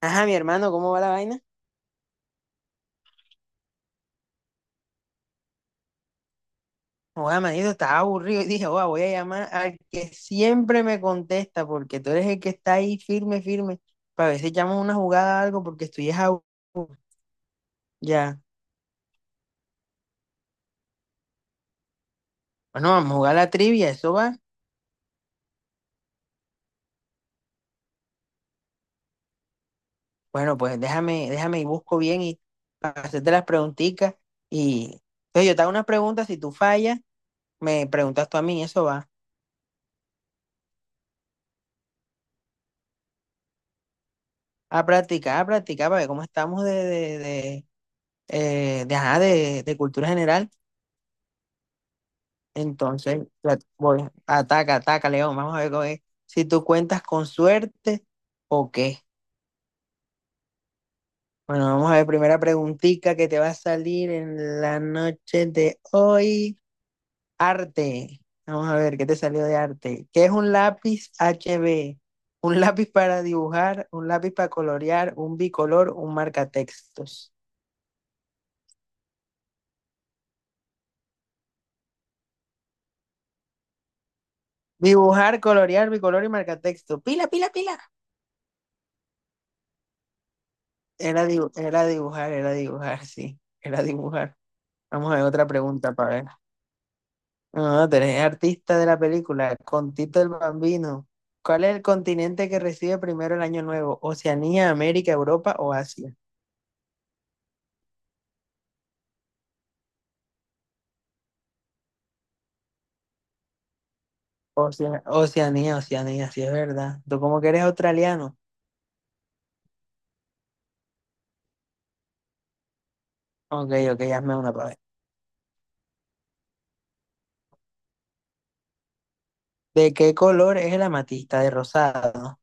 Ajá, mi hermano, ¿cómo va la vaina? Oiga, manito, estaba aburrido y dije, oiga, voy a llamar al que siempre me contesta, porque tú eres el que está ahí firme, firme, para ver si echamos una jugada o algo, porque estoy es aburrido. Ya, bueno, vamos a jugar la trivia, ¿eso va? Bueno, pues déjame y busco bien y para hacerte las preguntitas. Y entonces yo te hago unas preguntas, si tú fallas, me preguntas tú a mí, eso va. A practicar, para ver cómo estamos de, ajá, de cultura general. Entonces, voy, ataca, ataca, León. Vamos a ver cómo es, si tú cuentas con suerte o qué. Bueno, vamos a ver, primera preguntita que te va a salir en la noche de hoy. Arte. Vamos a ver, ¿qué te salió de arte? ¿Qué es un lápiz HB? Un lápiz para dibujar, un lápiz para colorear, un bicolor, un marcatextos. Dibujar, colorear, bicolor y marcatexto. Pila, pila, pila. Era dibujar, sí. Era dibujar. Vamos a ver otra pregunta para ver. Ah, tenés artista de la película, con Tito el Bambino. ¿Cuál es el continente que recibe primero el Año Nuevo? ¿Oceanía, América, Europa o Asia? Oceanía, Oceanía, sí es verdad. Tú como que eres australiano. Ok, ok, hazme una para ver. ¿De qué color es el amatista? ¿De rosado?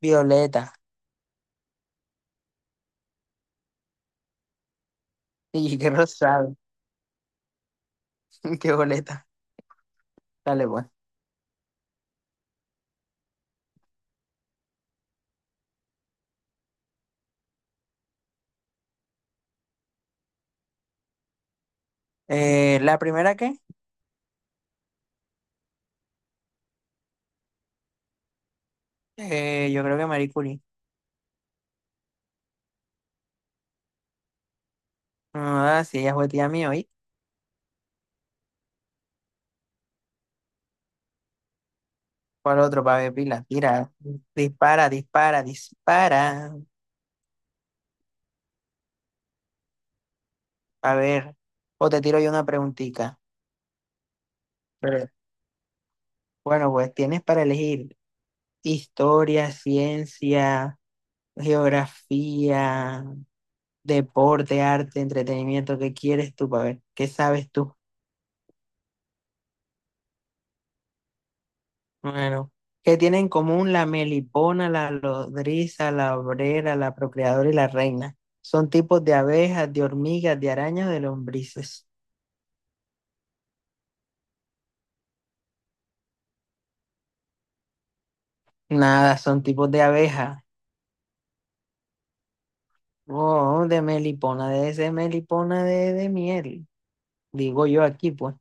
Violeta. Y qué rosado, qué boleta. Dale, pues. ¿La primera qué? Yo creo que Marie Curie. Ah, sí, ella fue tía mía. ¿Cuál otro para ver pila? Tira, dispara, dispara, dispara. A ver, o te tiro yo una preguntita. Pero, bueno, pues tienes para elegir historia, ciencia, geografía, deporte, arte, entretenimiento. ¿Qué quieres tú para ver? ¿Qué sabes tú? Bueno, ¿qué tienen en común la melipona, la lodriza, la obrera, la procreadora y la reina? Son tipos de abejas, de hormigas, de arañas, de lombrices. Nada, son tipos de abejas. Oh, de melipona, debe ser melipona de miel. Digo yo aquí, pues.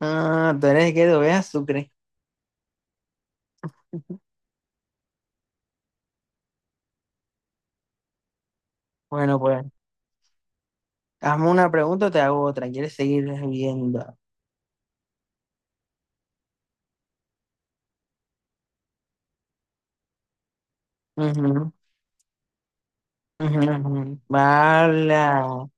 Ah, tú eres el que de azúcar. Bueno, pues, hazme una pregunta o te hago otra. ¿Quieres seguir viendo? Ujú, ujú, ujú. Bala.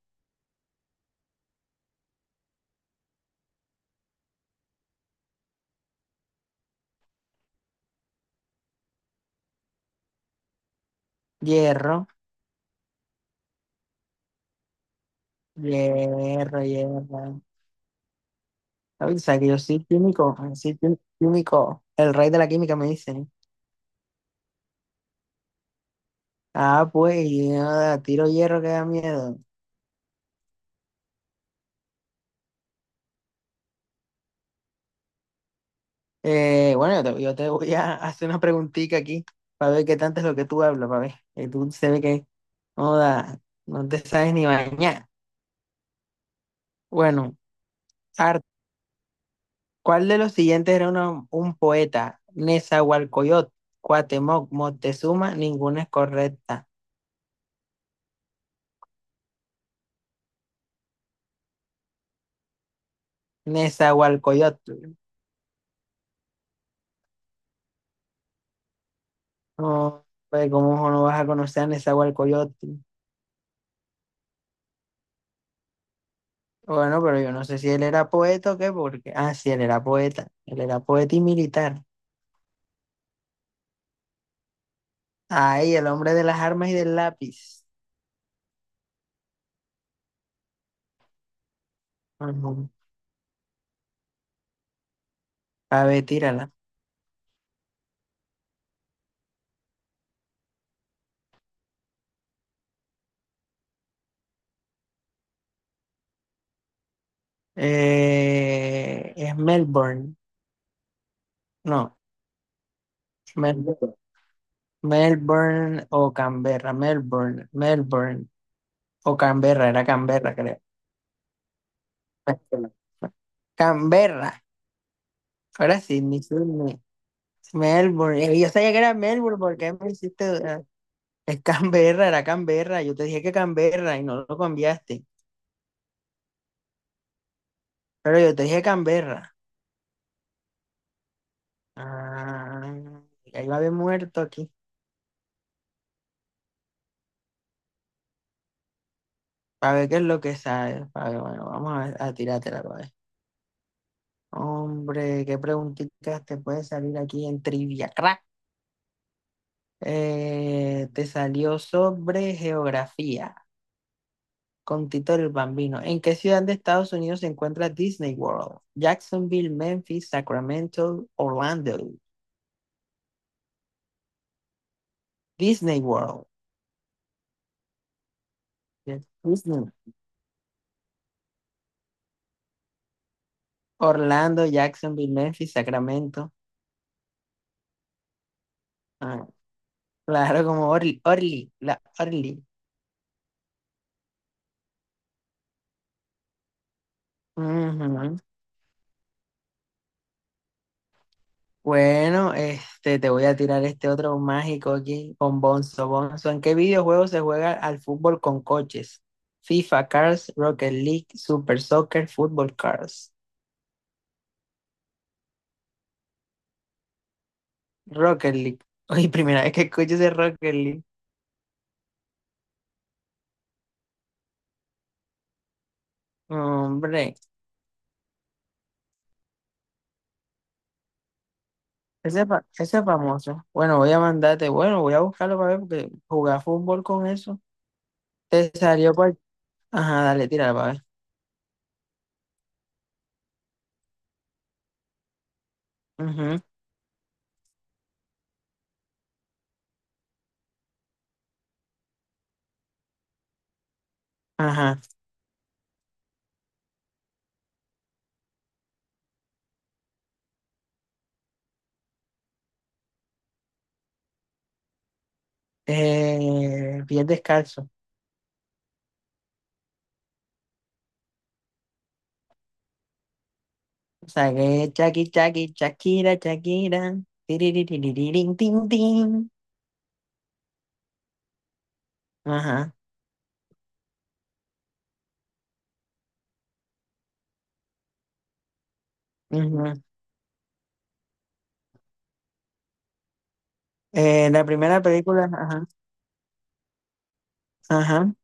Hierro, hierro, hierro. Ay, o sea, que yo soy químico, químico. El rey de la química me dice. Ah, pues, yo tiro hierro que da miedo. Bueno, yo te voy a hacer una preguntita aquí para ver qué tanto es lo que tú hablas, para ver. Tú se ve que no, no te sabes ni bañar. Bueno, arte. ¿Cuál de los siguientes un poeta? Nezahualcóyotl, Cuauhtémoc, Moctezuma, ninguna es correcta. Nezahualcóyotl. No, pues, ¿cómo no vas a conocer a Nezahualcóyotl? Bueno, pero yo no sé si él era poeta o qué, porque… Ah, sí, él era poeta. Él era poeta y militar. Ay, el hombre de las armas y del lápiz. Ujú. A ver, tírala. Es Melbourne. No, Melbourne. Melbourne o Canberra. Melbourne, Melbourne o Canberra. Era Canberra, creo. Canberra. Ahora sí, ni Sydney. Melbourne. Yo sabía que era Melbourne porque me hiciste dudar. Es Canberra, era Canberra. Yo te dije que Canberra y no lo cambiaste. Pero yo te dije Canberra. Ah, ya iba a haber muerto aquí. Para ver qué es lo que sabe. Para ver, bueno, vamos a, a tirártela para ver. Hombre, qué preguntitas te puede salir aquí en Trivia Crack. Te salió sobre geografía con Tito el Bambino. ¿En qué ciudad de Estados Unidos se encuentra Disney World? Jacksonville, Memphis, Sacramento, Orlando. Disney World. Yes, Disney. Orlando, Jacksonville, Memphis, Sacramento. Ah, claro, como Orly, Orly, la Orly. Ujú. Bueno, este, te voy a tirar este otro mágico aquí con Bonzo. Bonzo, ¿en qué videojuego se juega al fútbol con coches? FIFA Cars, Rocket League, Super Soccer, Football Cars. Rocket League. Oye, primera vez que escucho ese Rocket League. Hombre, ese es famoso. Bueno, voy a mandarte, bueno, voy a buscarlo para ver porque jugar fútbol con eso. Te salió cual. Ajá, dale, tíralo para ver. Ujú, ajá. Bien descalzo. Sagué, chaki, chaki, Shakira, Shakira. Tiririririn, tin, tin. Ajá. Ujú. La primera película, ajá, ajá,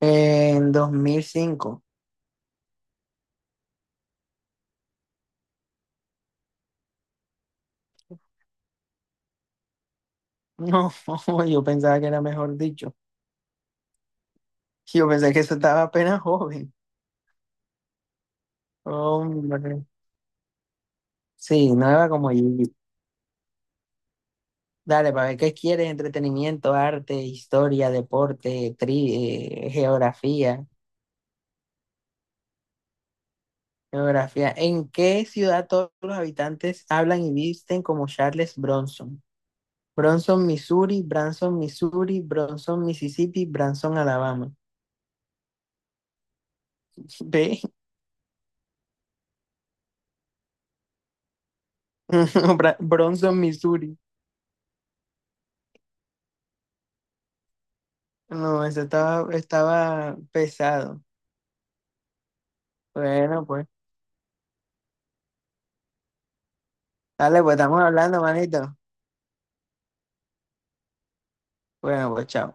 en 2005. No, yo pensaba que era mejor dicho. Yo pensé que eso estaba apenas joven. Hombre. Sí, nueva como Gigi. Dale, para ver qué quieres, entretenimiento, arte, historia, deporte, geografía. Geografía. ¿En qué ciudad todos los habitantes hablan y visten como Charles Bronson? Bronson, Missouri, Branson, Missouri, Bronson, Mississippi, Branson, Alabama. ¿Ve? Bronson, Missouri. No, eso estaba, estaba pesado. Bueno, pues. Dale, pues estamos hablando, manito. Bueno, pues chao.